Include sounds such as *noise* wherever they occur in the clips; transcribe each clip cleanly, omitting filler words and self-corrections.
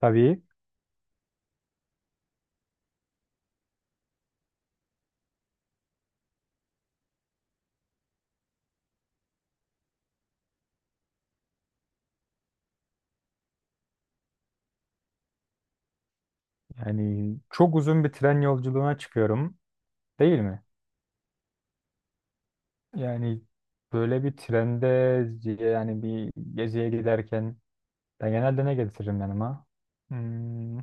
Tabii. Yani çok uzun bir tren yolculuğuna çıkıyorum, değil mi? Yani böyle bir trende, yani bir geziye giderken ben genelde ne getiririm yanıma? Hmm,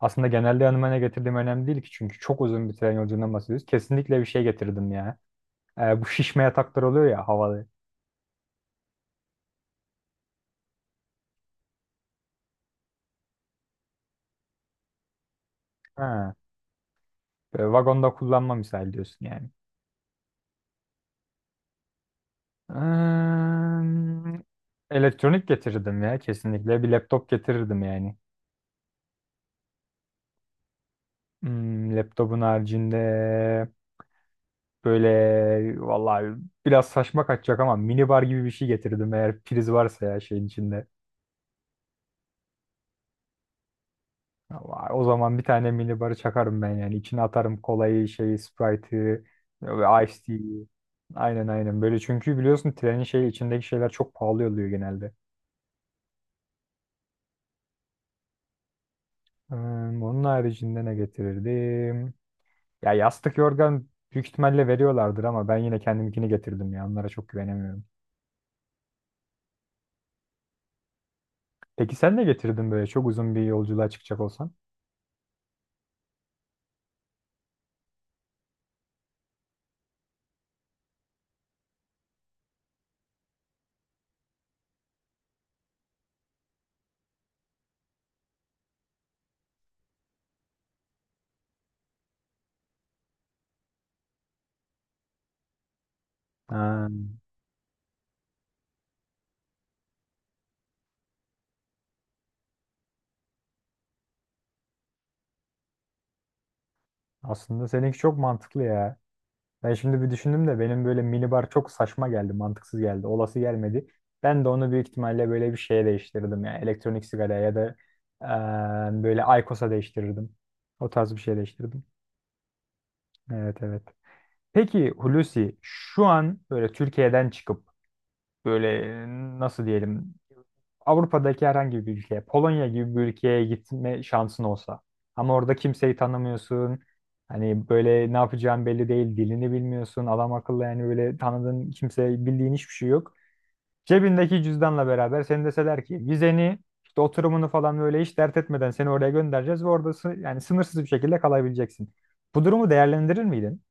aslında genelde yanıma ne getirdiğim önemli değil ki, çünkü çok uzun bir tren yolculuğundan bahsediyoruz. Kesinlikle bir şey getirdim ya. Bu şişme yataklar oluyor ya, havalı. Ha, böyle vagonda kullanma misal diyorsun yani. Hmm, elektronik getirdim ya, kesinlikle bir laptop getirirdim yani. Hmm, laptopun haricinde böyle vallahi biraz saçma kaçacak ama minibar gibi bir şey getirdim eğer priz varsa ya şeyin içinde. Ama o zaman bir tane minibarı çakarım ben yani. İçine atarım kolayı, şeyi, Sprite'ı ve Ice Tea'yi. Aynen aynen, böyle çünkü biliyorsun trenin şey içindeki şeyler çok pahalı oluyor genelde. Hmm, onun haricinde ne getirirdim? Ya yastık yorgan büyük ihtimalle veriyorlardır ama ben yine kendimkini getirdim ya, onlara çok güvenemiyorum. Peki sen ne getirdin böyle çok uzun bir yolculuğa çıkacak olsan? Ha, aslında seninki çok mantıklı ya. Ben şimdi bir düşündüm de benim böyle minibar çok saçma geldi, mantıksız geldi, olası gelmedi. Ben de onu büyük ihtimalle böyle bir şeye değiştirirdim, yani elektronik sigaraya ya da böyle aykosa değiştirirdim. O tarz bir şey değiştirirdim. Evet, evet. Peki Hulusi, şu an böyle Türkiye'den çıkıp böyle, nasıl diyelim, Avrupa'daki herhangi bir ülkeye, Polonya gibi bir ülkeye gitme şansın olsa. Ama orada kimseyi tanımıyorsun. Hani böyle ne yapacağın belli değil, dilini bilmiyorsun. Adam akıllı yani, böyle tanıdığın kimse, bildiğin hiçbir şey yok. Cebindeki cüzdanla beraber seni deseler ki vizeni, işte oturumunu falan böyle hiç dert etmeden seni oraya göndereceğiz ve orada yani sınırsız bir şekilde kalabileceksin. Bu durumu değerlendirir miydin?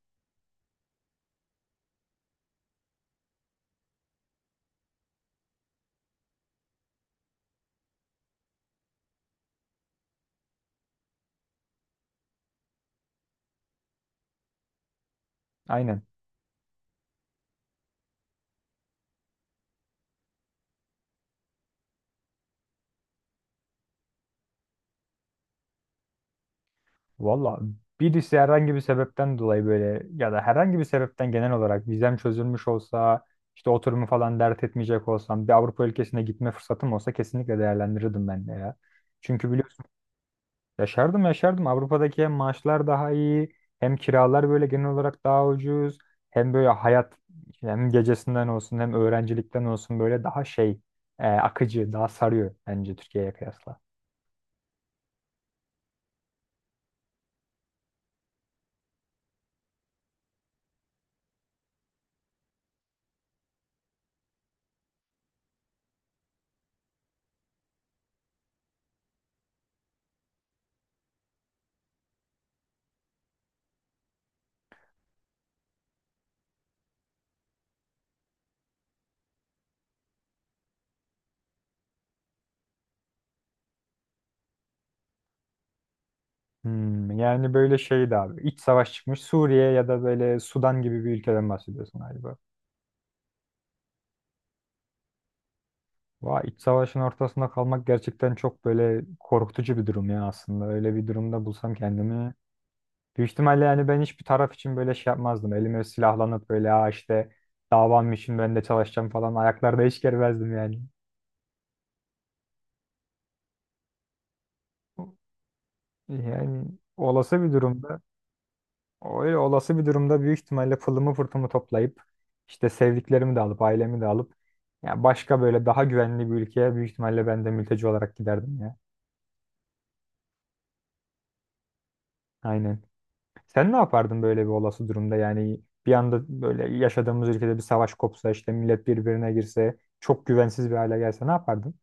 Aynen. Valla, birisi herhangi bir sebepten dolayı böyle ya da herhangi bir sebepten genel olarak vizem çözülmüş olsa, işte oturumu falan dert etmeyecek olsam, bir Avrupa ülkesine gitme fırsatım olsa kesinlikle değerlendirirdim ben de ya. Çünkü biliyorsun, yaşardım yaşardım. Avrupa'daki hem maaşlar daha iyi, hem kiralar böyle genel olarak daha ucuz, hem böyle hayat, hem gecesinden olsun hem öğrencilikten olsun böyle daha şey, akıcı, daha sarıyor bence Türkiye'ye kıyasla. Hmm, yani böyle şeydi abi. İç savaş çıkmış Suriye ya da böyle Sudan gibi bir ülkeden bahsediyorsun galiba. Vay, iç savaşın ortasında kalmak gerçekten çok böyle korkutucu bir durum ya aslında. Öyle bir durumda bulsam kendimi. Büyük ihtimalle yani ben hiçbir taraf için böyle şey yapmazdım. Elime silahlanıp böyle, ha işte davam için ben de çalışacağım falan ayaklarda hiç germezdim yani. Yani olası bir durumda, öyle olası bir durumda büyük ihtimalle pılımı pırtımı toplayıp, işte sevdiklerimi de alıp, ailemi de alıp, ya başka böyle daha güvenli bir ülkeye büyük ihtimalle ben de mülteci olarak giderdim ya. Aynen. Sen ne yapardın böyle bir olası durumda? Yani bir anda böyle yaşadığımız ülkede bir savaş kopsa, işte millet birbirine girse, çok güvensiz bir hale gelse ne yapardın?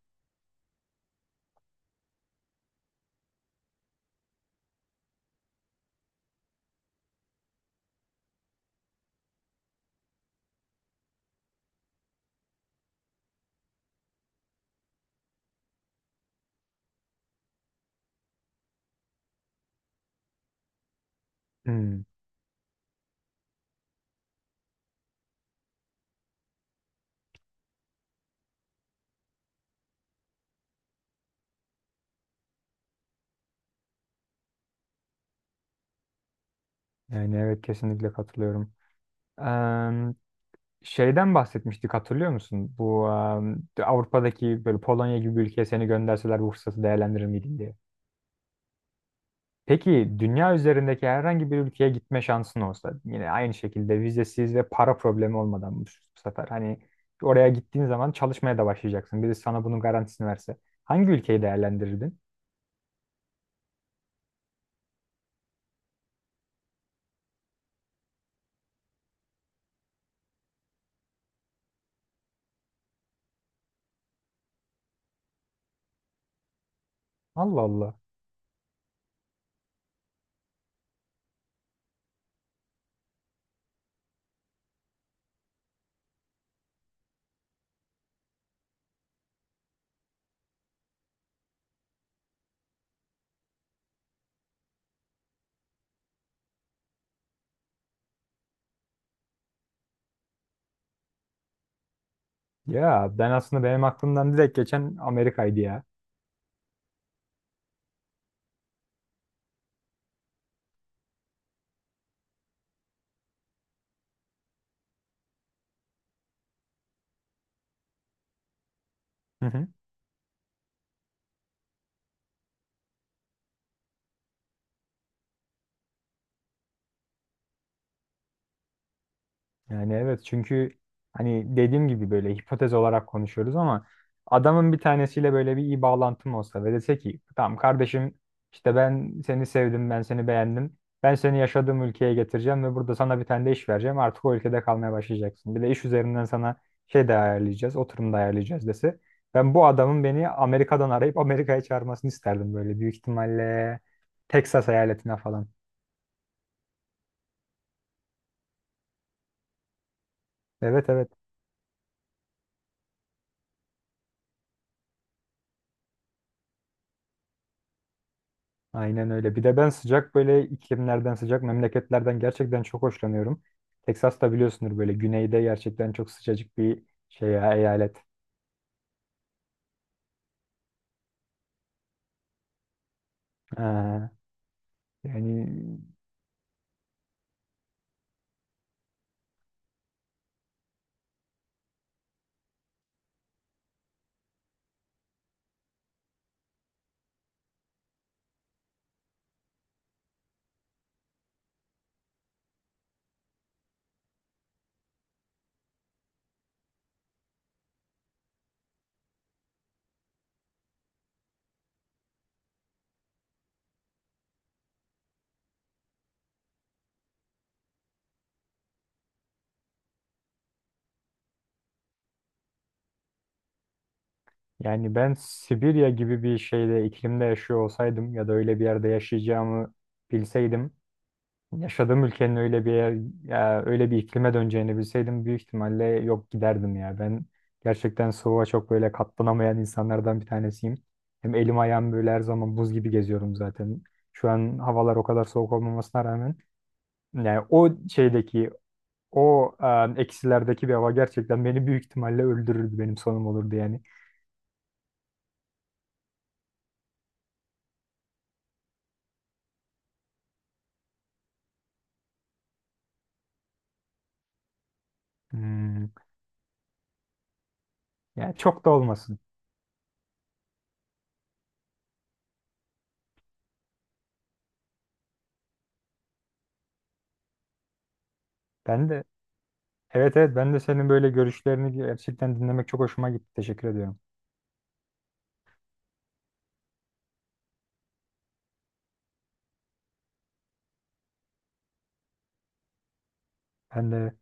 Hmm. Yani evet, kesinlikle katılıyorum. Em, Şeyden bahsetmiştik, hatırlıyor musun? Bu Avrupa'daki böyle Polonya gibi bir ülkeye seni gönderseler bu fırsatı değerlendirir miydin diye. Peki dünya üzerindeki herhangi bir ülkeye gitme şansın olsa, yine aynı şekilde vizesiz ve para problemi olmadan, bu bu sefer hani oraya gittiğin zaman çalışmaya da başlayacaksın. Birisi sana bunun garantisini verse, hangi ülkeyi değerlendirirdin? Allah Allah. Ya ben aslında, benim aklımdan direkt geçen Amerika'ydı ya. *laughs* Yani evet, çünkü hani dediğim gibi böyle hipotez olarak konuşuyoruz ama adamın bir tanesiyle böyle bir iyi bağlantım olsa ve dese ki tamam kardeşim, işte ben seni sevdim, ben seni beğendim, ben seni yaşadığım ülkeye getireceğim ve burada sana bir tane de iş vereceğim, artık o ülkede kalmaya başlayacaksın, bir de iş üzerinden sana şey de ayarlayacağız, oturum da ayarlayacağız dese, ben bu adamın beni Amerika'dan arayıp Amerika'ya çağırmasını isterdim böyle büyük ihtimalle. Texas eyaletine falan. Evet, evet. Aynen öyle. Bir de ben sıcak böyle iklimlerden, sıcak memleketlerden gerçekten çok hoşlanıyorum. Texas da biliyorsundur böyle güneyde, gerçekten çok sıcacık bir şey ya, eyalet. Ee, Yani, yani ben Sibirya gibi bir şeyde, iklimde yaşıyor olsaydım ya da öyle bir yerde yaşayacağımı bilseydim, yaşadığım ülkenin öyle bir yer, ya öyle bir iklime döneceğini bilseydim büyük ihtimalle yok, giderdim ya. Ben gerçekten soğuğa çok böyle katlanamayan insanlardan bir tanesiyim. Hem elim ayağım böyle her zaman buz gibi, geziyorum zaten. Şu an havalar o kadar soğuk olmamasına rağmen, yani o şeydeki o, eksilerdeki bir hava gerçekten beni büyük ihtimalle öldürürdü. Benim sonum olurdu yani. Hmm, yani çok da olmasın. Ben de, evet evet, ben de senin böyle görüşlerini gerçekten dinlemek çok hoşuma gitti. Teşekkür ediyorum. Ben de